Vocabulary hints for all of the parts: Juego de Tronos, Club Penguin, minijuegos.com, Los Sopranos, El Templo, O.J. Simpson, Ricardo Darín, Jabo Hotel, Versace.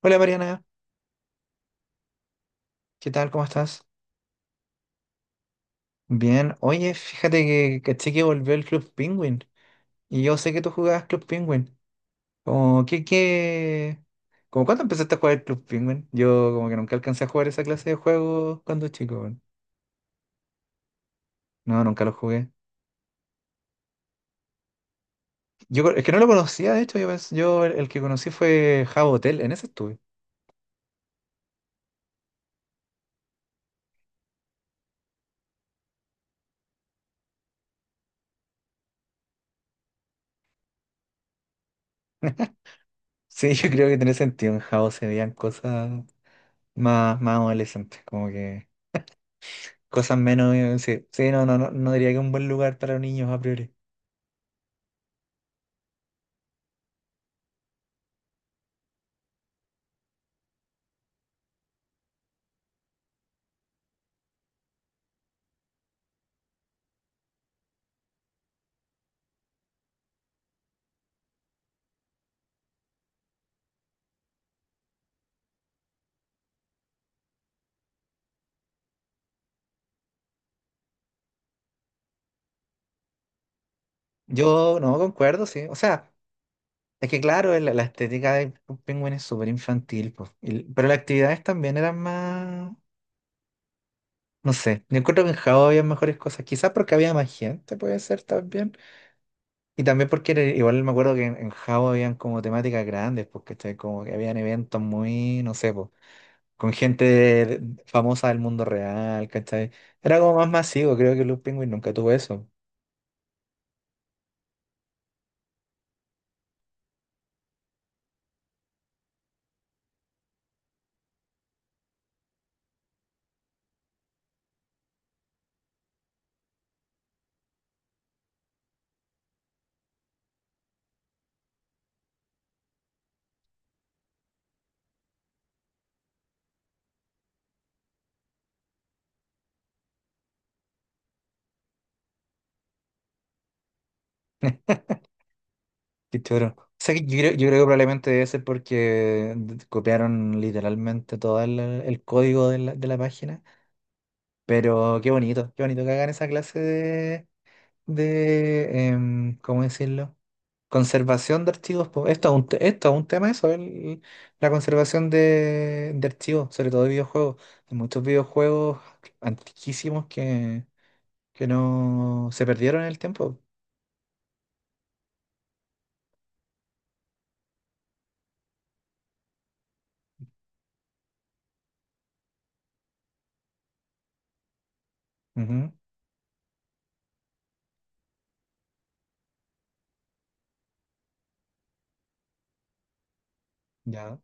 Hola Mariana, ¿qué tal? ¿Cómo estás? Bien, oye, fíjate que caché que volvió el Club Penguin y yo sé que tú jugabas Club Penguin. Como, ¿qué? ¿Cómo cuándo empezaste a jugar el Club Penguin? Yo como que nunca alcancé a jugar esa clase de juegos cuando chico, weón. No, nunca lo jugué. Es que no lo conocía, de hecho, yo el que conocí fue Jabo Hotel, en ese estuve. Sí, yo creo que tiene sentido, en Jabo se veían cosas más adolescentes, como que cosas menos. Sí, sí, no, no, no, no diría que es un buen lugar para niños a priori. Yo no concuerdo, sí. O sea, es que claro, la estética de Penguin es súper infantil, pues. Pero las actividades también eran más, no sé, yo encuentro que en Jao había mejores cosas, quizás porque había más gente, puede ser también, y también porque igual me acuerdo que en Jao habían como temáticas grandes, porque como que habían eventos muy, no sé, pues con gente famosa del mundo real, ¿cachai? Era como más masivo, creo que Los Penguin nunca tuvo eso. Qué choro. O sea, que yo creo que probablemente debe ser porque copiaron literalmente todo el código de la página. Pero qué bonito que hagan esa clase de, de ¿cómo decirlo? Conservación de archivos, po. Esto es un tema eso, la conservación de archivos, sobre todo de videojuegos. Hay muchos videojuegos antiquísimos que no se perdieron en el tiempo. Ujú, ya.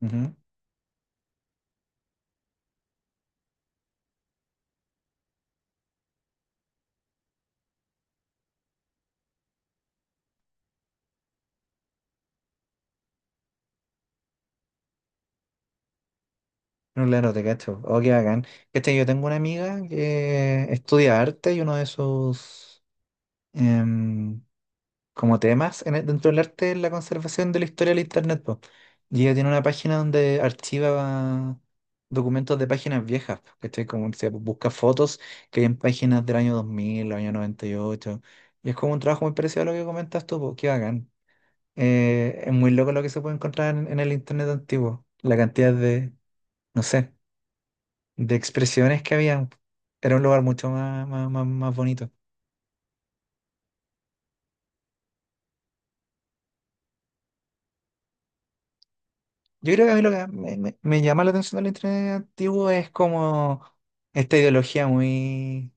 Ujú. No, claro, te cacho. Oh, qué bacán. Este, yo tengo una amiga que estudia arte y uno de sus em, como temas dentro del arte es la conservación de la historia del internet, po. Y ella tiene una página donde archiva documentos de páginas viejas, po, ¿cachai? Como se busca fotos que hay en páginas del año 2000, año 98. Y ocho. Y es como un trabajo muy parecido a lo que comentas tú, po. Qué bacán. Es muy loco lo que se puede encontrar en el internet antiguo. La cantidad de, no sé, de expresiones que había. Era un lugar mucho más, más, más, más bonito. Yo creo que a mí lo que me llama la atención del internet antiguo es como esta ideología muy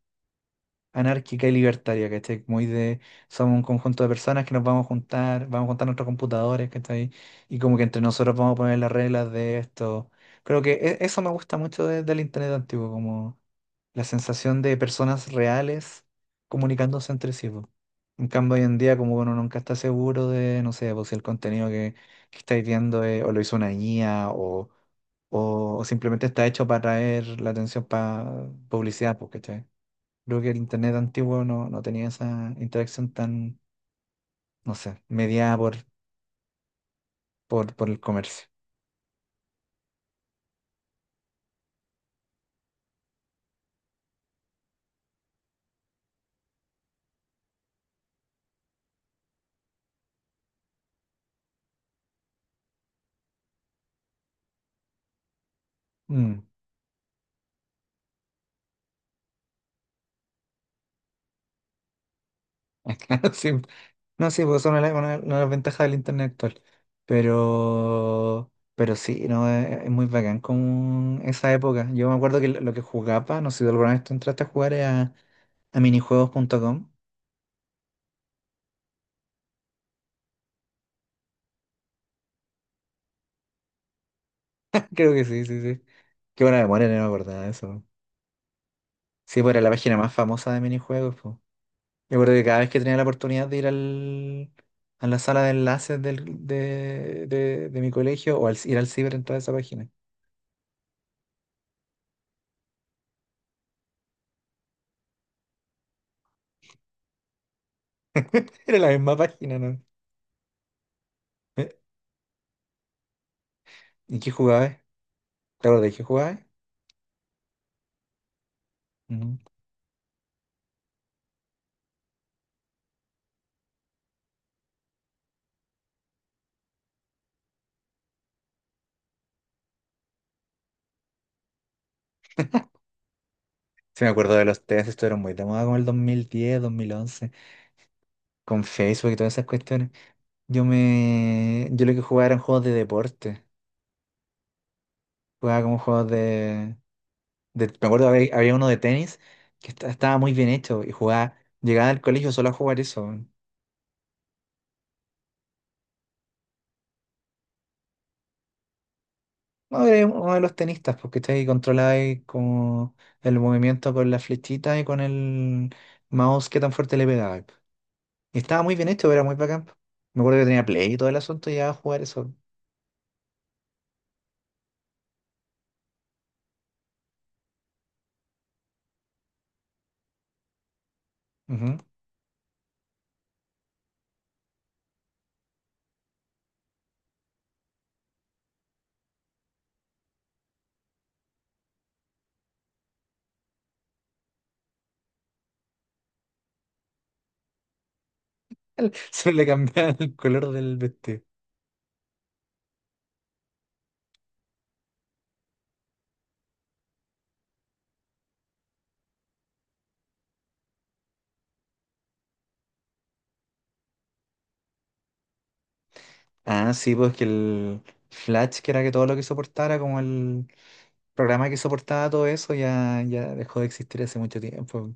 anárquica y libertaria, ¿cachai? Muy de somos un conjunto de personas que nos vamos a juntar nuestros computadores, ¿cachai? Y como que entre nosotros vamos a poner las reglas de esto. Creo que eso me gusta mucho del internet antiguo, como la sensación de personas reales comunicándose entre sí, po. En cambio, hoy en día, como uno nunca está seguro de, no sé, pues, si el contenido que estáis viendo es, o lo hizo una IA, o simplemente está hecho para traer la atención para publicidad, porque creo que el internet antiguo no tenía esa interacción tan, no sé, mediada por el comercio. Mm. Claro, sí. No, sí, pues son una de las ventajas del internet actual. Pero, pero sí, no, es muy bacán con esa época. Yo me acuerdo que lo que jugaba, no sé si alguna vez tú entraste a jugar a, minijuegos.com. Creo que sí, sí, sí. Qué buena memoria, no me acordaba de eso. Sí, pues era la página más famosa de minijuegos, pues. Yo acuerdo que cada vez que tenía la oportunidad de ir a la sala de enlaces de mi colegio o ir al ciber, entraba a esa página. Era la misma página, ¿no? ¿Y qué jugabas? ¿Te acuerdas de qué jugabas? Ujú. Sí, me acuerdo de los test, esto era muy de moda como el 2010, 2011, con Facebook y todas esas cuestiones. Yo lo que jugaba eran juegos de deporte. Jugaba como juegos. Me acuerdo, había uno de tenis que estaba muy bien hecho y jugaba. Llegaba al colegio solo a jugar eso. No, era uno de los tenistas, porque está ahí controlaba ahí como el movimiento con la flechita y con el mouse que tan fuerte le pegaba. Y estaba muy bien hecho, era muy bacán. Me acuerdo que tenía play y todo el asunto y llegaba a jugar eso. Ujú. Solo le cambiaban el color del vestido. Ah, sí, pues que el Flash, que era que todo lo que soportara, como el programa que soportaba todo eso, ya, ya dejó de existir hace mucho tiempo.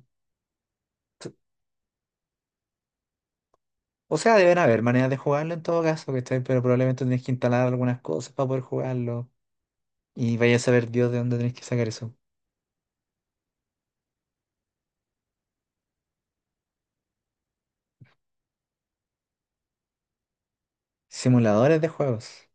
O sea, deben haber maneras de jugarlo en todo caso, ¿cachai? Pero probablemente tenés que instalar algunas cosas para poder jugarlo. Y vaya a saber Dios de dónde tenés que sacar eso. Simuladores de juegos.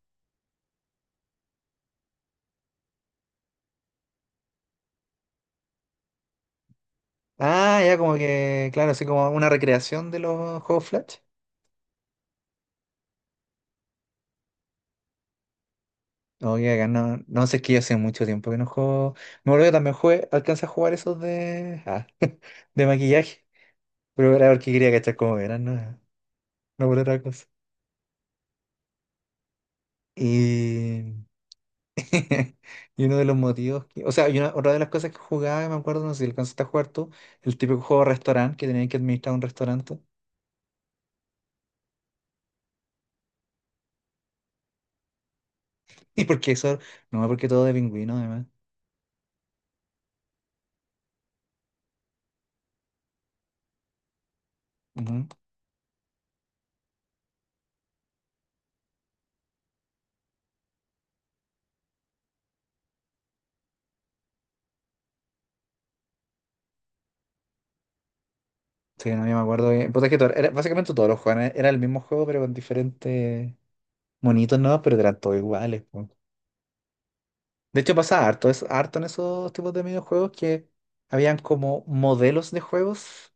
Ah, ya como que, claro, así como una recreación de los juegos Flash. Oye, acá no, no sé, es que yo hace mucho tiempo que no juego. Me acuerdo que también jugué, alcancé a jugar esos de, ah, de maquillaje. Pero era porque quería cachar cómo eran, no, no por otra cosa. Y, y uno de los motivos, o sea, y otra de las cosas que jugaba, me acuerdo, no sé si alcanzaste a jugar tú, el típico juego de restaurante que tenían que administrar un restaurante. Y porque eso, no, porque todo de pingüino, además. Ujú. Sí, no, yo me acuerdo bien. Puta, es que era, básicamente todos los juegos era el mismo juego, pero con diferentes monitos, ¿no? Pero eran todos iguales. De hecho, pasaba harto, harto en esos tipos de videojuegos que habían como modelos de juegos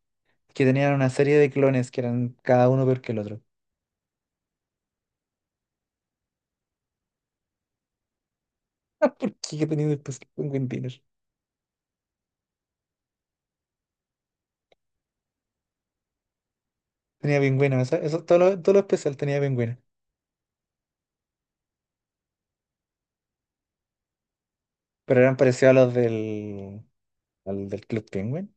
que tenían una serie de clones que eran cada uno peor que el otro. ¿Por qué tenía después Penguin Dinner? Tenía pingüinos, todo lo especial tenía pingüinos. Pero eran parecidos a los al del Club Penguin.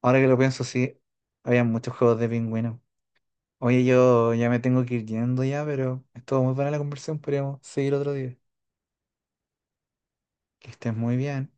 Ahora que lo pienso, sí, había muchos juegos de pingüinos. Oye, yo ya me tengo que ir yendo ya, pero estuvo muy buena la conversación, podríamos seguir otro día. Que estés muy bien.